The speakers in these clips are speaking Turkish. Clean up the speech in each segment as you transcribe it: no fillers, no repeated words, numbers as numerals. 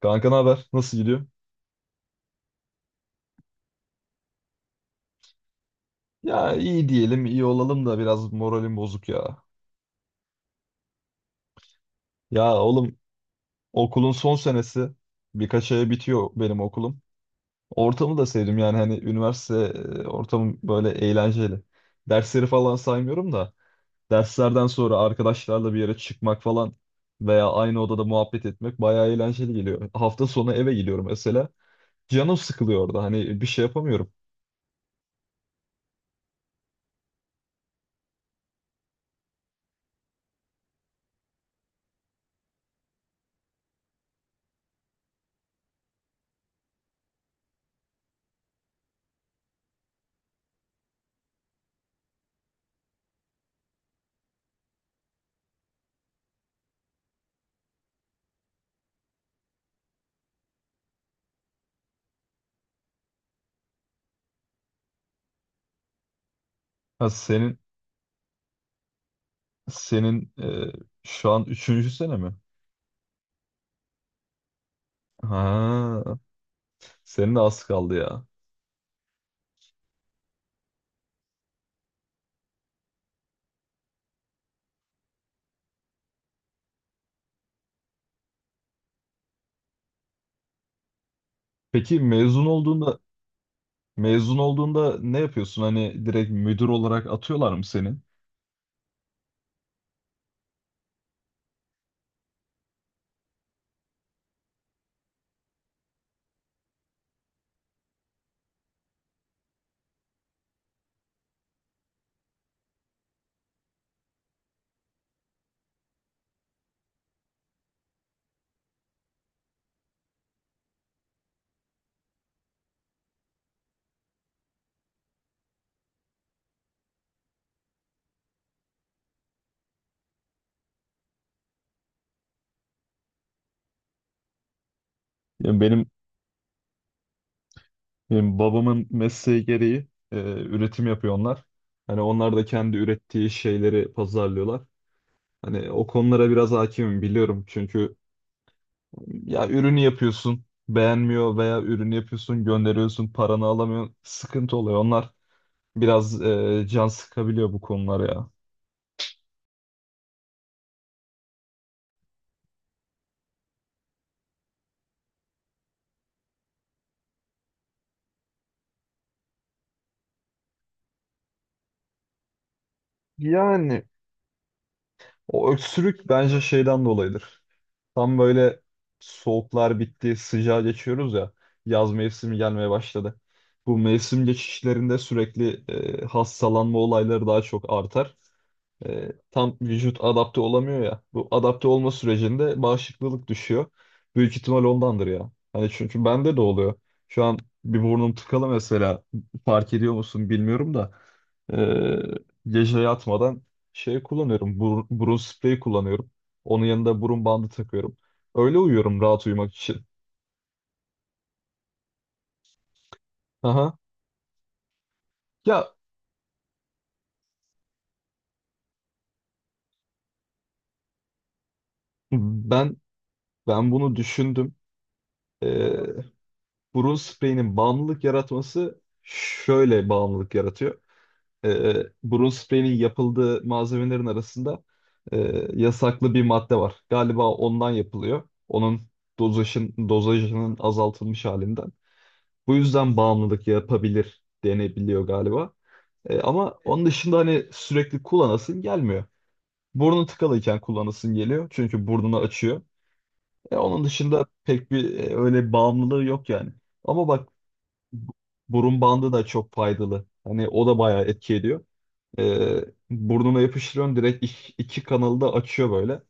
Kanka ne haber? Nasıl gidiyor? Ya iyi diyelim, iyi olalım da biraz moralim bozuk ya. Ya oğlum, okulun son senesi, birkaç aya bitiyor benim okulum. Ortamı da sevdim yani hani üniversite ortamı böyle eğlenceli. Dersleri falan saymıyorum da derslerden sonra arkadaşlarla bir yere çıkmak falan veya aynı odada muhabbet etmek bayağı eğlenceli geliyor. Hafta sonu eve gidiyorum mesela. Canım sıkılıyor orada, hani bir şey yapamıyorum. Ha senin, senin şu an üçüncü sene mi? Ha, senin de az kaldı ya. Peki mezun olduğunda, mezun olduğunda ne yapıyorsun? Hani direkt müdür olarak atıyorlar mı seni? Yani benim, benim babamın mesleği gereği üretim yapıyor onlar. Hani onlar da kendi ürettiği şeyleri pazarlıyorlar. Hani o konulara biraz hakimim, biliyorum. Çünkü ya ürünü yapıyorsun beğenmiyor, veya ürünü yapıyorsun gönderiyorsun paranı alamıyorsun. Sıkıntı oluyor onlar. Biraz can sıkabiliyor bu konular ya. Yani o öksürük bence şeyden dolayıdır. Tam böyle soğuklar bitti, sıcağa geçiyoruz ya. Yaz mevsimi gelmeye başladı. Bu mevsim geçişlerinde sürekli hastalanma olayları daha çok artar. E, tam vücut adapte olamıyor ya. Bu adapte olma sürecinde bağışıklılık düşüyor. Büyük ihtimal ondandır ya. Hani çünkü bende de oluyor. Şu an bir burnum tıkalı mesela. Fark ediyor musun bilmiyorum da. E, gece yatmadan şey kullanıyorum. Burun spreyi kullanıyorum. Onun yanında burun bandı takıyorum. Öyle uyuyorum rahat uyumak için. Aha. Ya ben ben bunu düşündüm. E, burun spreyinin bağımlılık yaratması şöyle: bağımlılık yaratıyor. e, Burun spreyinin yapıldığı malzemelerin arasında e, yasaklı bir madde var. Galiba ondan yapılıyor. Onun dozajının azaltılmış halinden. Bu yüzden bağımlılık yapabilir denebiliyor galiba. E, ama onun dışında hani sürekli kullanasın gelmiyor. Burnu tıkalıyken kullanasın geliyor. Çünkü burnunu açıyor. E, onun dışında pek bir öyle bağımlılığı yok yani. Ama bak, bu- burun bandı da çok faydalı. Hani o da bayağı etki ediyor. Ee, burnuna yapıştırıyorsun, direkt iki kanalı da açıyor böyle.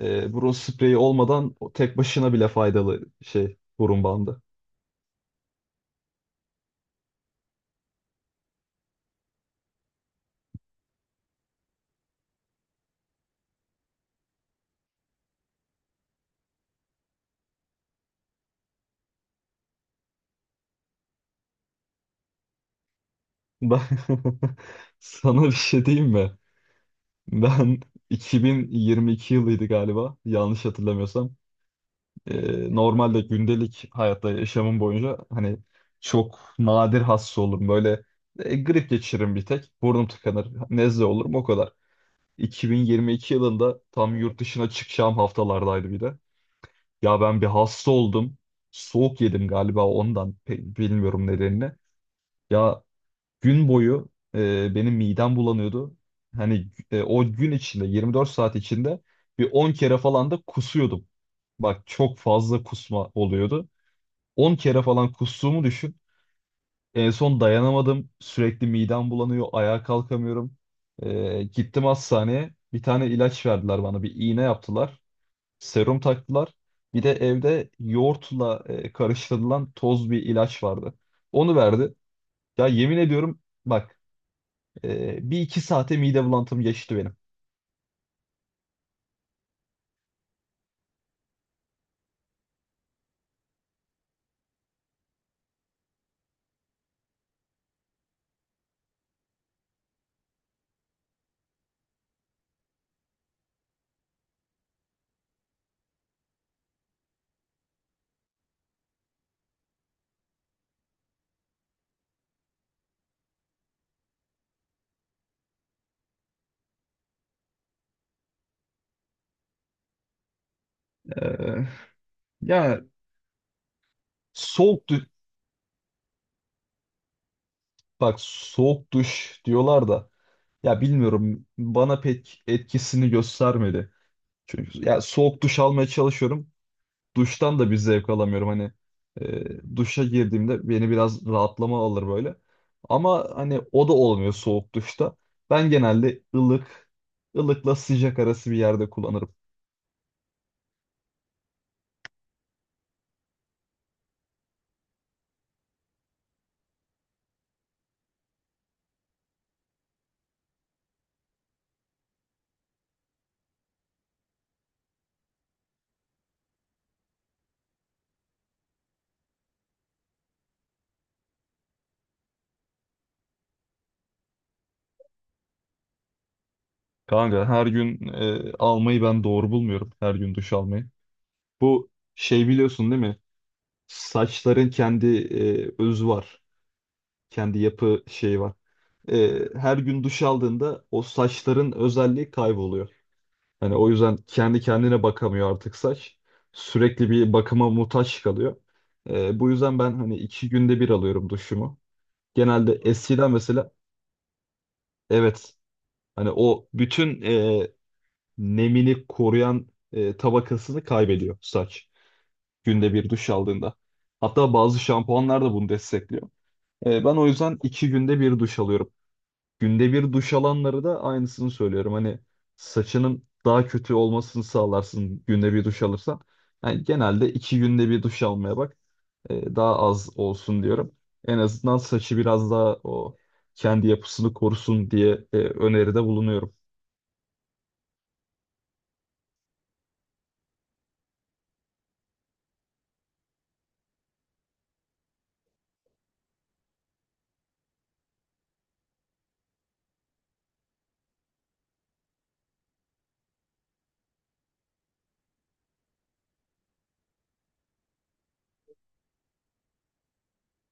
Burun spreyi olmadan o tek başına bile faydalı şey burun bandı. Ben sana bir şey diyeyim mi? Ben 2022 yılıydı galiba, yanlış hatırlamıyorsam. Normalde gündelik hayatta yaşamım boyunca hani çok nadir hasta olurum. Böyle grip geçiririm bir tek. Burnum tıkanır. Nezle olurum, o kadar. 2022 yılında tam yurt dışına çıkacağım haftalardaydı bir de. Ya ben bir hasta oldum. Soğuk yedim galiba ondan. Bilmiyorum nedenini. Ya gün boyu benim midem bulanıyordu. Hani o gün içinde 24 saat içinde bir 10 kere falan da kusuyordum. Bak çok fazla kusma oluyordu. 10 kere falan kustuğumu düşün. En son dayanamadım. Sürekli midem bulanıyor, ayağa kalkamıyorum. E, gittim hastaneye. Bir tane ilaç verdiler bana. Bir iğne yaptılar. Serum taktılar. Bir de evde yoğurtla karıştırılan toz bir ilaç vardı. Onu verdi. Ya yemin ediyorum, bak, bir iki saate mide bulantım geçti benim. Ee, ya soğuk duş bak, soğuk duş diyorlar da, ya bilmiyorum, bana pek etkisini göstermedi. Çünkü ya soğuk duş almaya çalışıyorum, duştan da bir zevk alamıyorum. Hani duşa girdiğimde beni biraz rahatlama alır böyle. Ama hani o da olmuyor soğuk duşta. Ben genelde ılık, ılıkla sıcak arası bir yerde kullanırım. Kanka her gün almayı ben doğru bulmuyorum. Her gün duş almayı. Bu şey, biliyorsun değil mi? Saçların kendi özü var. Kendi yapı şeyi var. E, her gün duş aldığında o saçların özelliği kayboluyor. Hani o yüzden kendi kendine bakamıyor artık saç. Sürekli bir bakıma muhtaç kalıyor. Bu yüzden ben hani iki günde bir alıyorum duşumu. Genelde eskiden mesela evet, hani o bütün nemini koruyan tabakasını kaybediyor saç. Günde bir duş aldığında. Hatta bazı şampuanlar da bunu destekliyor. Ben o yüzden iki günde bir duş alıyorum. Günde bir duş alanları da aynısını söylüyorum. Hani saçının daha kötü olmasını sağlarsın günde bir duş alırsan. Yani genelde iki günde bir duş almaya bak. Daha az olsun diyorum. En azından saçı biraz daha o kendi yapısını korusun diye öneride bulunuyorum.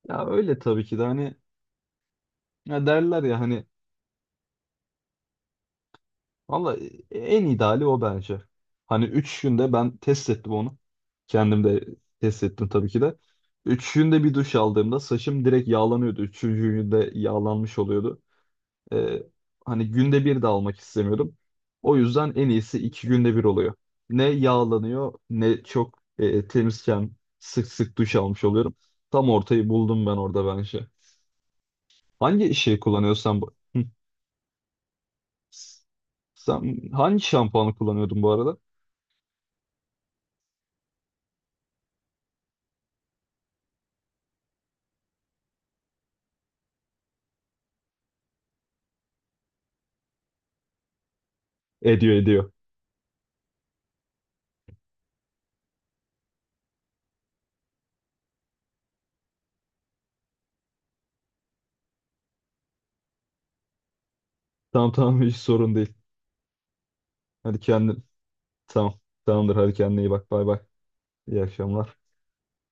Ya öyle tabii ki de, hani ya derler ya hani, valla en ideali o bence. Hani 3 günde ben test ettim onu. Kendim de test ettim tabii ki de. 3 günde bir duş aldığımda saçım direkt yağlanıyordu. Üçüncü günde yağlanmış oluyordu. Ee, hani günde bir de almak istemiyordum. O yüzden en iyisi 2 günde bir oluyor. Ne yağlanıyor ne çok temizken sık sık duş almış oluyorum. Tam ortayı buldum ben orada bence. Hangi şey kullanıyorsan bu? Hı. Sen hangi şampuanı kullanıyordun bu arada? Ediyor, ediyor. Tamam, tamam, hiç sorun değil. Hadi kendin. Tamam. Tamamdır, hadi kendine iyi bak. Bay bay. İyi akşamlar.